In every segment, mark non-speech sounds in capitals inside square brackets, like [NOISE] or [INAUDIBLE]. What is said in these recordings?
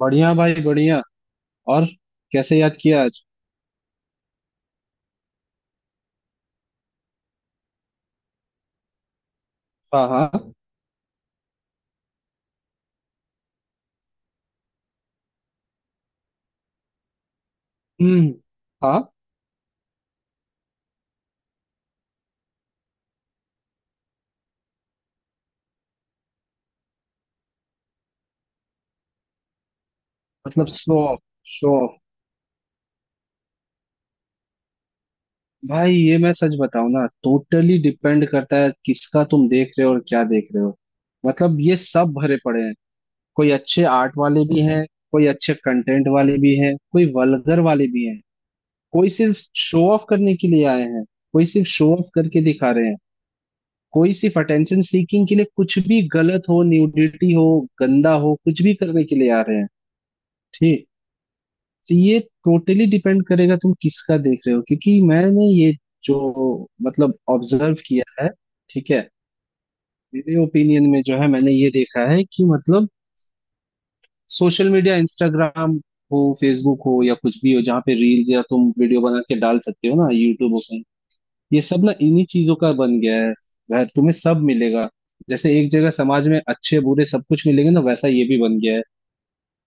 बढ़िया भाई बढ़िया। और कैसे याद किया आज? हाँ, हाँ। हम्म। हाँ, मतलब शो शो। भाई, ये मैं सच बताऊं ना, टोटली डिपेंड करता है किसका तुम देख रहे हो और क्या देख रहे हो। मतलब ये सब भरे पड़े हैं। कोई अच्छे आर्ट वाले भी हैं, कोई अच्छे कंटेंट वाले भी हैं, कोई वल्गर वाले भी हैं। कोई सिर्फ शो ऑफ करने के लिए आए हैं, कोई सिर्फ शो ऑफ करके दिखा रहे हैं, कोई सिर्फ अटेंशन सीकिंग के लिए कुछ भी गलत हो, न्यूडिटी हो, गंदा हो, कुछ भी करने के लिए आ रहे हैं। ठीक, तो ये टोटली डिपेंड करेगा तुम किसका देख रहे हो, क्योंकि मैंने ये जो, मतलब ऑब्जर्व किया है। ठीक है। मेरे ओपिनियन में जो है, मैंने ये देखा है कि मतलब सोशल मीडिया, इंस्टाग्राम हो, फेसबुक हो या कुछ भी हो जहाँ पे रील्स या तुम वीडियो बना के डाल सकते हो ना, यूट्यूब हो कहीं, ये सब ना इन्हीं चीजों का बन गया है। वह तुम्हें सब मिलेगा। जैसे एक जगह समाज में अच्छे बुरे सब कुछ मिलेंगे ना, वैसा ये भी बन गया है।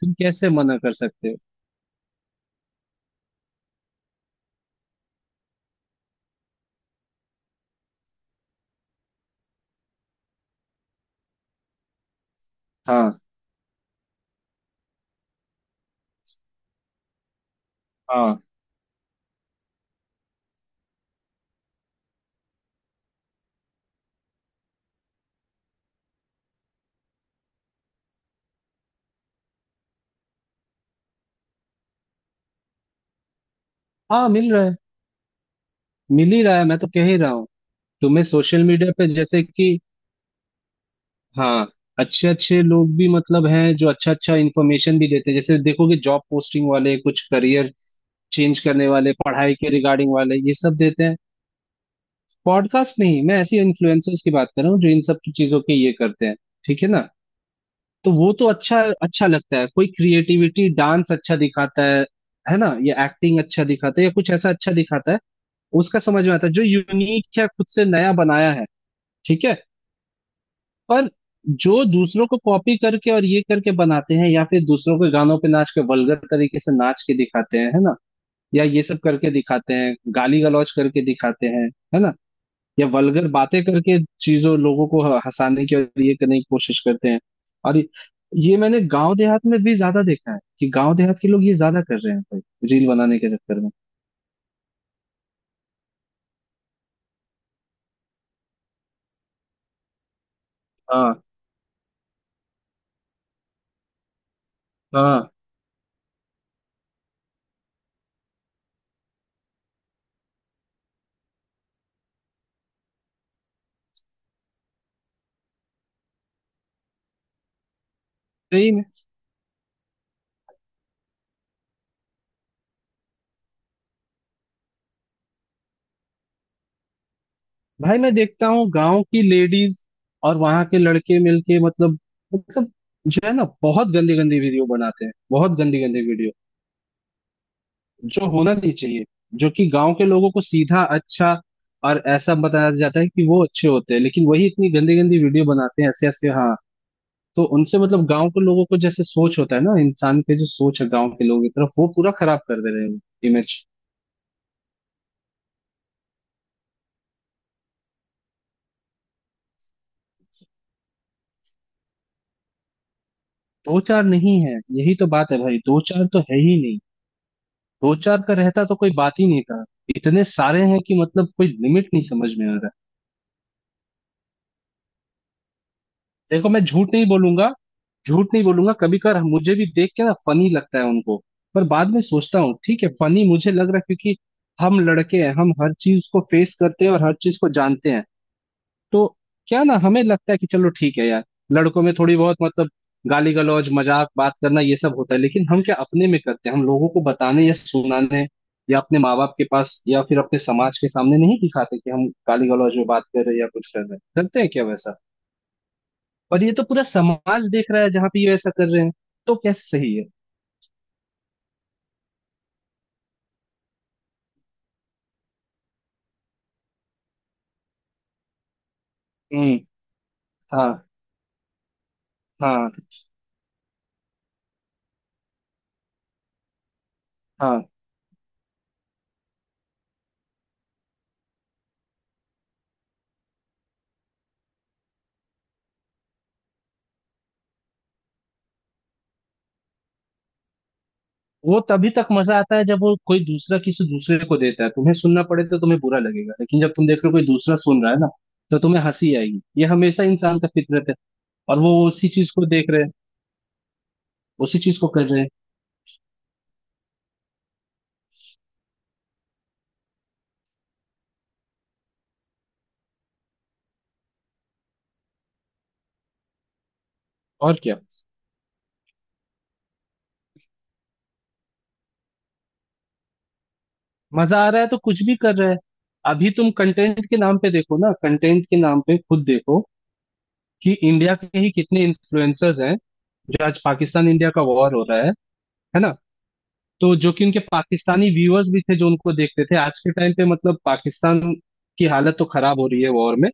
तुम कैसे मना कर सकते हो? हाँ, हाँ। हाँ, मिल रहा है। मिल ही रहा है, मैं तो कह ही रहा हूँ। तुम्हें सोशल मीडिया पे जैसे कि, हाँ, अच्छे अच्छे लोग भी मतलब हैं जो अच्छा अच्छा इंफॉर्मेशन भी देते हैं। जैसे देखोगे जॉब पोस्टिंग वाले, कुछ करियर चेंज करने वाले, पढ़ाई के रिगार्डिंग वाले, ये सब देते हैं। पॉडकास्ट नहीं, मैं ऐसे इन्फ्लुएंसर्स की बात कर रहा हूँ जो इन सब की चीजों के ये करते हैं। ठीक है ना। तो वो तो अच्छा अच्छा लगता है। कोई क्रिएटिविटी डांस अच्छा दिखाता है ना, या एक्टिंग अच्छा दिखाता है या कुछ ऐसा अच्छा दिखाता है उसका समझ में आता है, जो यूनिक या खुद से नया बनाया है। ठीक है। पर जो दूसरों को कॉपी करके और ये करके बनाते हैं या फिर दूसरों के गानों पे नाच के वल्गर तरीके से नाच के दिखाते हैं, है ना, या ये सब करके दिखाते हैं, गाली गलौज करके दिखाते हैं, है ना, या वल्गर बातें करके चीजों लोगों को हंसाने की और ये करने की कोशिश करते हैं। और ये मैंने गांव देहात में भी ज्यादा देखा है कि गांव देहात के लोग ये ज्यादा कर रहे हैं, भाई, रील बनाने के चक्कर में। हाँ, हाँ। सही। भाई, मैं देखता हूँ गांव की लेडीज और वहां के लड़के मिलके, मतलब, मतलब जो है ना, बहुत गंदी गंदी वीडियो बनाते हैं, बहुत गंदी गंदी वीडियो, जो होना नहीं चाहिए। जो कि गांव के लोगों को सीधा अच्छा और ऐसा बताया जाता है कि वो अच्छे होते हैं, लेकिन वही इतनी गंदी गंदी वीडियो बनाते हैं, ऐसे ऐसे, हाँ। तो उनसे मतलब गांव के लोगों को जैसे सोच होता है ना इंसान के, जो सोच है गांव के लोगों की तरफ, वो पूरा खराब कर दे रहे हैं इमेज। दो चार नहीं है, यही तो बात है भाई, दो चार तो है ही नहीं। दो चार का रहता तो कोई बात ही नहीं था। इतने सारे हैं कि मतलब कोई लिमिट नहीं, समझ में आ रहा है। देखो, मैं झूठ नहीं बोलूंगा, झूठ नहीं बोलूंगा, कभी कभार मुझे भी देख के ना फनी लगता है उनको। पर बाद में सोचता हूँ ठीक है, फनी मुझे लग रहा है क्योंकि हम लड़के हैं, हम हर चीज को फेस करते हैं और हर चीज को जानते हैं, तो क्या ना हमें लगता है कि चलो ठीक है यार, लड़कों में थोड़ी बहुत मतलब गाली गलौज मजाक बात करना ये सब होता है, लेकिन हम क्या अपने में करते हैं? हम लोगों को बताने या सुनाने या अपने माँ बाप के पास या फिर अपने समाज के सामने नहीं दिखाते कि हम गाली गलौज में बात कर रहे हैं या कुछ कर रहे हैं। करते हैं क्या वैसा? पर ये तो पूरा समाज देख रहा है जहाँ पे ये वैसा कर रहे हैं। तो कैसे सही है? हम्म। हाँ हाँ, हाँ। वो तभी तक मजा आता है जब वो कोई दूसरा किसी दूसरे को देता है। तुम्हें सुनना पड़े तो तुम्हें बुरा लगेगा, लेकिन जब तुम देख रहे हो कोई दूसरा सुन रहा है ना, तो तुम्हें हंसी आएगी। ये हमेशा इंसान का फितरत है। और वो उसी चीज को देख रहे हैं, उसी चीज को कर रहे हैं। और क्या, मजा आ रहा है तो कुछ भी कर रहे हैं। अभी तुम कंटेंट के नाम पे देखो ना, कंटेंट के नाम पे खुद देखो कि इंडिया के ही कितने इन्फ्लुएंसर्स हैं, जो आज पाकिस्तान इंडिया का वॉर हो रहा है ना, तो जो कि उनके पाकिस्तानी व्यूअर्स भी थे जो उनको देखते थे। आज के टाइम पे मतलब पाकिस्तान की हालत तो खराब हो रही है वॉर में,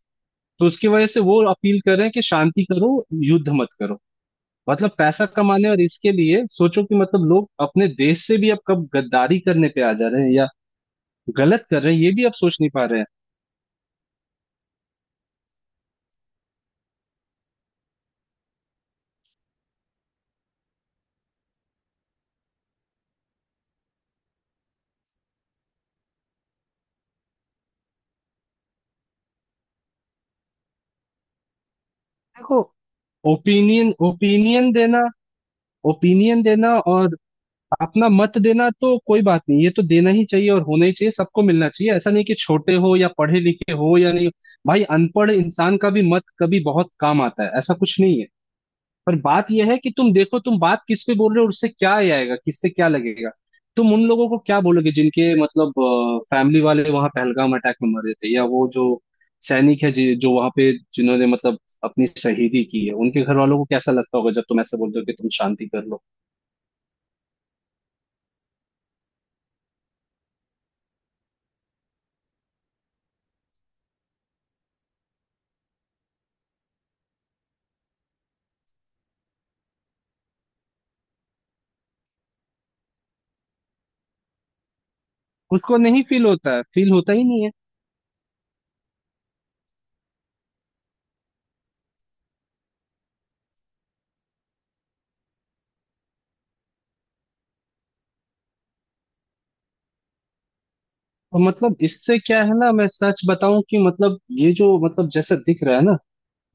तो उसकी वजह से वो अपील कर रहे हैं कि शांति करो, युद्ध मत करो। मतलब पैसा कमाने और इसके लिए सोचो कि मतलब लोग अपने देश से भी अब कब गद्दारी करने पे आ जा रहे हैं या गलत कर रहे हैं, ये भी अब सोच नहीं पा रहे हैं। देखो, ओपिनियन ओपिनियन देना, ओपिनियन देना और अपना मत देना तो कोई बात नहीं, ये तो देना ही चाहिए और होना ही चाहिए, सबको मिलना चाहिए। ऐसा नहीं कि छोटे हो या पढ़े लिखे हो या नहीं, भाई, अनपढ़ इंसान का भी मत कभी बहुत काम आता है, ऐसा कुछ नहीं है। पर बात यह है कि तुम देखो तुम बात किस पे बोल रहे हो और उससे क्या ये आएगा, किससे क्या लगेगा। तुम उन लोगों को क्या बोलोगे जिनके मतलब फैमिली वाले वहां पहलगाम अटैक में मरे थे या वो जो सैनिक है, जो वहां पे जिन्होंने मतलब अपनी शहीदी की है, उनके घर वालों को कैसा लगता होगा जब तुम ऐसे बोलते हो कि तुम शांति कर लो? उसको नहीं फील होता है, फील होता ही नहीं है। और मतलब इससे क्या है ना, मैं सच बताऊं कि मतलब ये जो, मतलब जैसा दिख रहा है ना,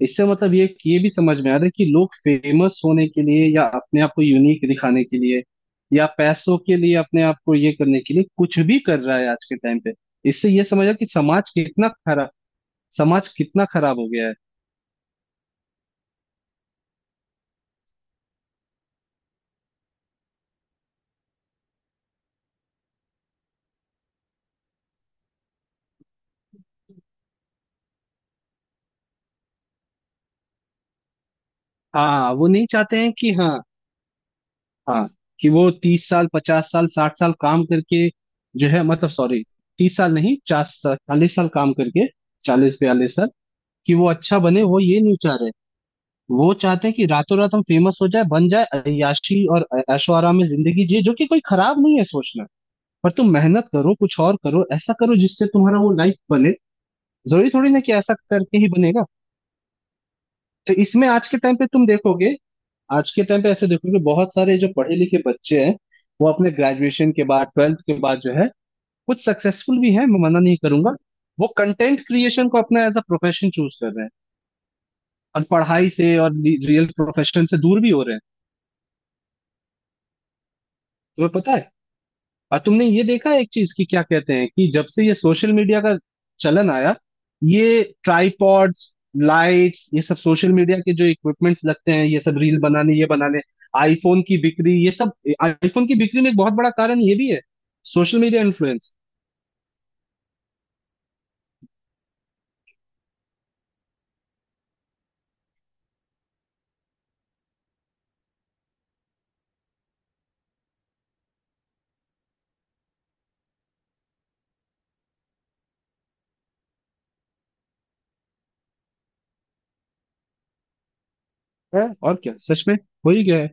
इससे मतलब ये भी समझ में आ रहा है कि लोग फेमस होने के लिए या अपने आप को यूनिक दिखाने के लिए या पैसों के लिए अपने आप को ये करने के लिए कुछ भी कर रहा है आज के टाइम पे। इससे ये समझ आ कि समाज कितना खराब हो गया है। हाँ, वो नहीं चाहते हैं कि, हाँ, हाँ, कि वो 30 साल, 50 साल, 60 साल काम करके जो है, मतलब सॉरी, 30 साल नहीं, 40 साल, 40 साल काम करके, 40, 42 साल, कि वो अच्छा बने, वो ये नहीं चाह रहे। वो चाहते हैं कि रातों रात हम फेमस हो जाए, बन जाए, अय्याशी और ऐशो आराम में जिंदगी जिए, जो कि कोई खराब नहीं है सोचना। पर तुम मेहनत करो, कुछ और करो, ऐसा करो जिससे तुम्हारा वो लाइफ बने। जरूरी थोड़ी ना कि ऐसा करके ही बनेगा। तो इसमें आज के टाइम पे तुम देखोगे, आज के टाइम पे ऐसे देखो कि बहुत सारे जो पढ़े लिखे बच्चे हैं, वो अपने ग्रेजुएशन के बाद, 12th के बाद जो है, कुछ सक्सेसफुल भी हैं मैं मना नहीं करूंगा, वो कंटेंट क्रिएशन को अपना एज अ प्रोफेशन चूज कर रहे हैं और पढ़ाई से और रियल प्रोफेशन से दूर भी हो रहे हैं। तुम्हें पता है, और तुमने ये देखा है एक चीज की क्या कहते हैं कि जब से ये सोशल मीडिया का चलन आया, ये ट्राइपॉड्स, लाइट्स, ये सब सोशल मीडिया के जो इक्विपमेंट्स लगते हैं, ये सब रील बनाने ये बनाने, आईफोन की बिक्री, ये सब, आईफोन की बिक्री में एक बहुत बड़ा कारण ये भी है, सोशल मीडिया इन्फ्लुएंस। है, और क्या, सच में हो ही गया है।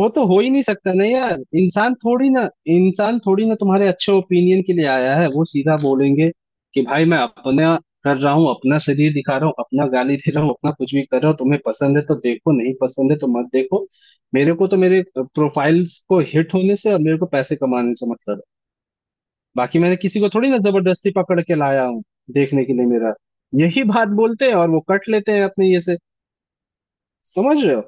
वो तो हो ही नहीं सकता ना यार, इंसान थोड़ी ना, इंसान थोड़ी ना तुम्हारे अच्छे ओपिनियन के लिए आया है। वो सीधा बोलेंगे कि भाई मैं अपना कर रहा हूँ, अपना शरीर दिखा रहा हूँ, अपना गाली दे रहा हूँ, अपना कुछ भी कर रहा हूँ, तुम्हें पसंद है तो देखो, नहीं पसंद है तो मत देखो। मेरे को तो मेरे प्रोफाइल को हिट होने से और मेरे को पैसे कमाने से मतलब है। बाकी मैंने किसी को थोड़ी ना जबरदस्ती पकड़ के लाया हूँ देखने के लिए मेरा। यही बात बोलते हैं और वो कट लेते हैं अपने ये से। समझ रहे हो?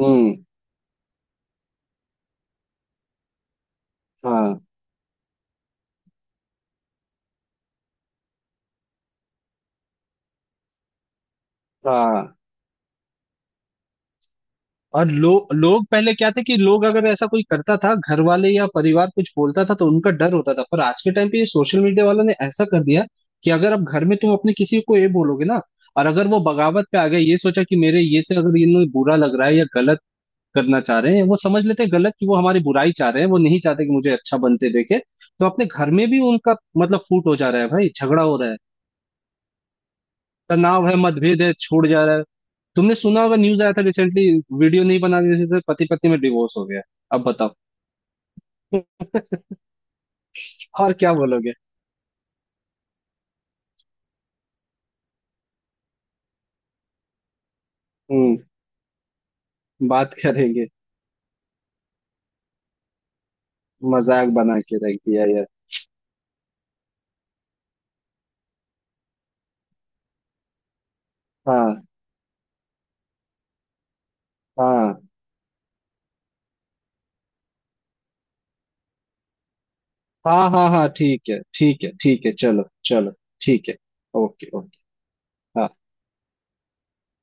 हम्म। हाँ, हाँ। और लोग पहले क्या थे कि लोग अगर ऐसा कोई करता था घर वाले या परिवार कुछ बोलता था तो उनका डर होता था, पर आज के टाइम पे ये सोशल मीडिया वालों ने ऐसा कर दिया कि अगर आप घर में तुम अपने किसी को ये बोलोगे ना, और अगर वो बगावत पे आ गए, ये सोचा कि मेरे ये से अगर इन्हें बुरा लग रहा है या गलत करना चाह रहे हैं, वो समझ लेते हैं गलत कि वो हमारी बुराई चाह रहे हैं, वो नहीं चाहते कि मुझे अच्छा बनते देखे। तो अपने घर में भी उनका मतलब फूट हो जा रहा है भाई, झगड़ा हो रहा है, तनाव है, मतभेद है, छूट जा रहा है। तुमने सुना होगा, न्यूज आया था रिसेंटली, वीडियो नहीं बनाने से पति पत्नी में डिवोर्स हो गया। अब बताओ। [LAUGHS] और क्या बोलोगे? हम्म। बात करेंगे। मजाक बना के रख दिया यार। हाँ, हाँ, हाँ, हाँ, हाँ, ठीक है, ठीक है, ठीक है, चलो चलो। ठीक है। Okay, okay. हाँ।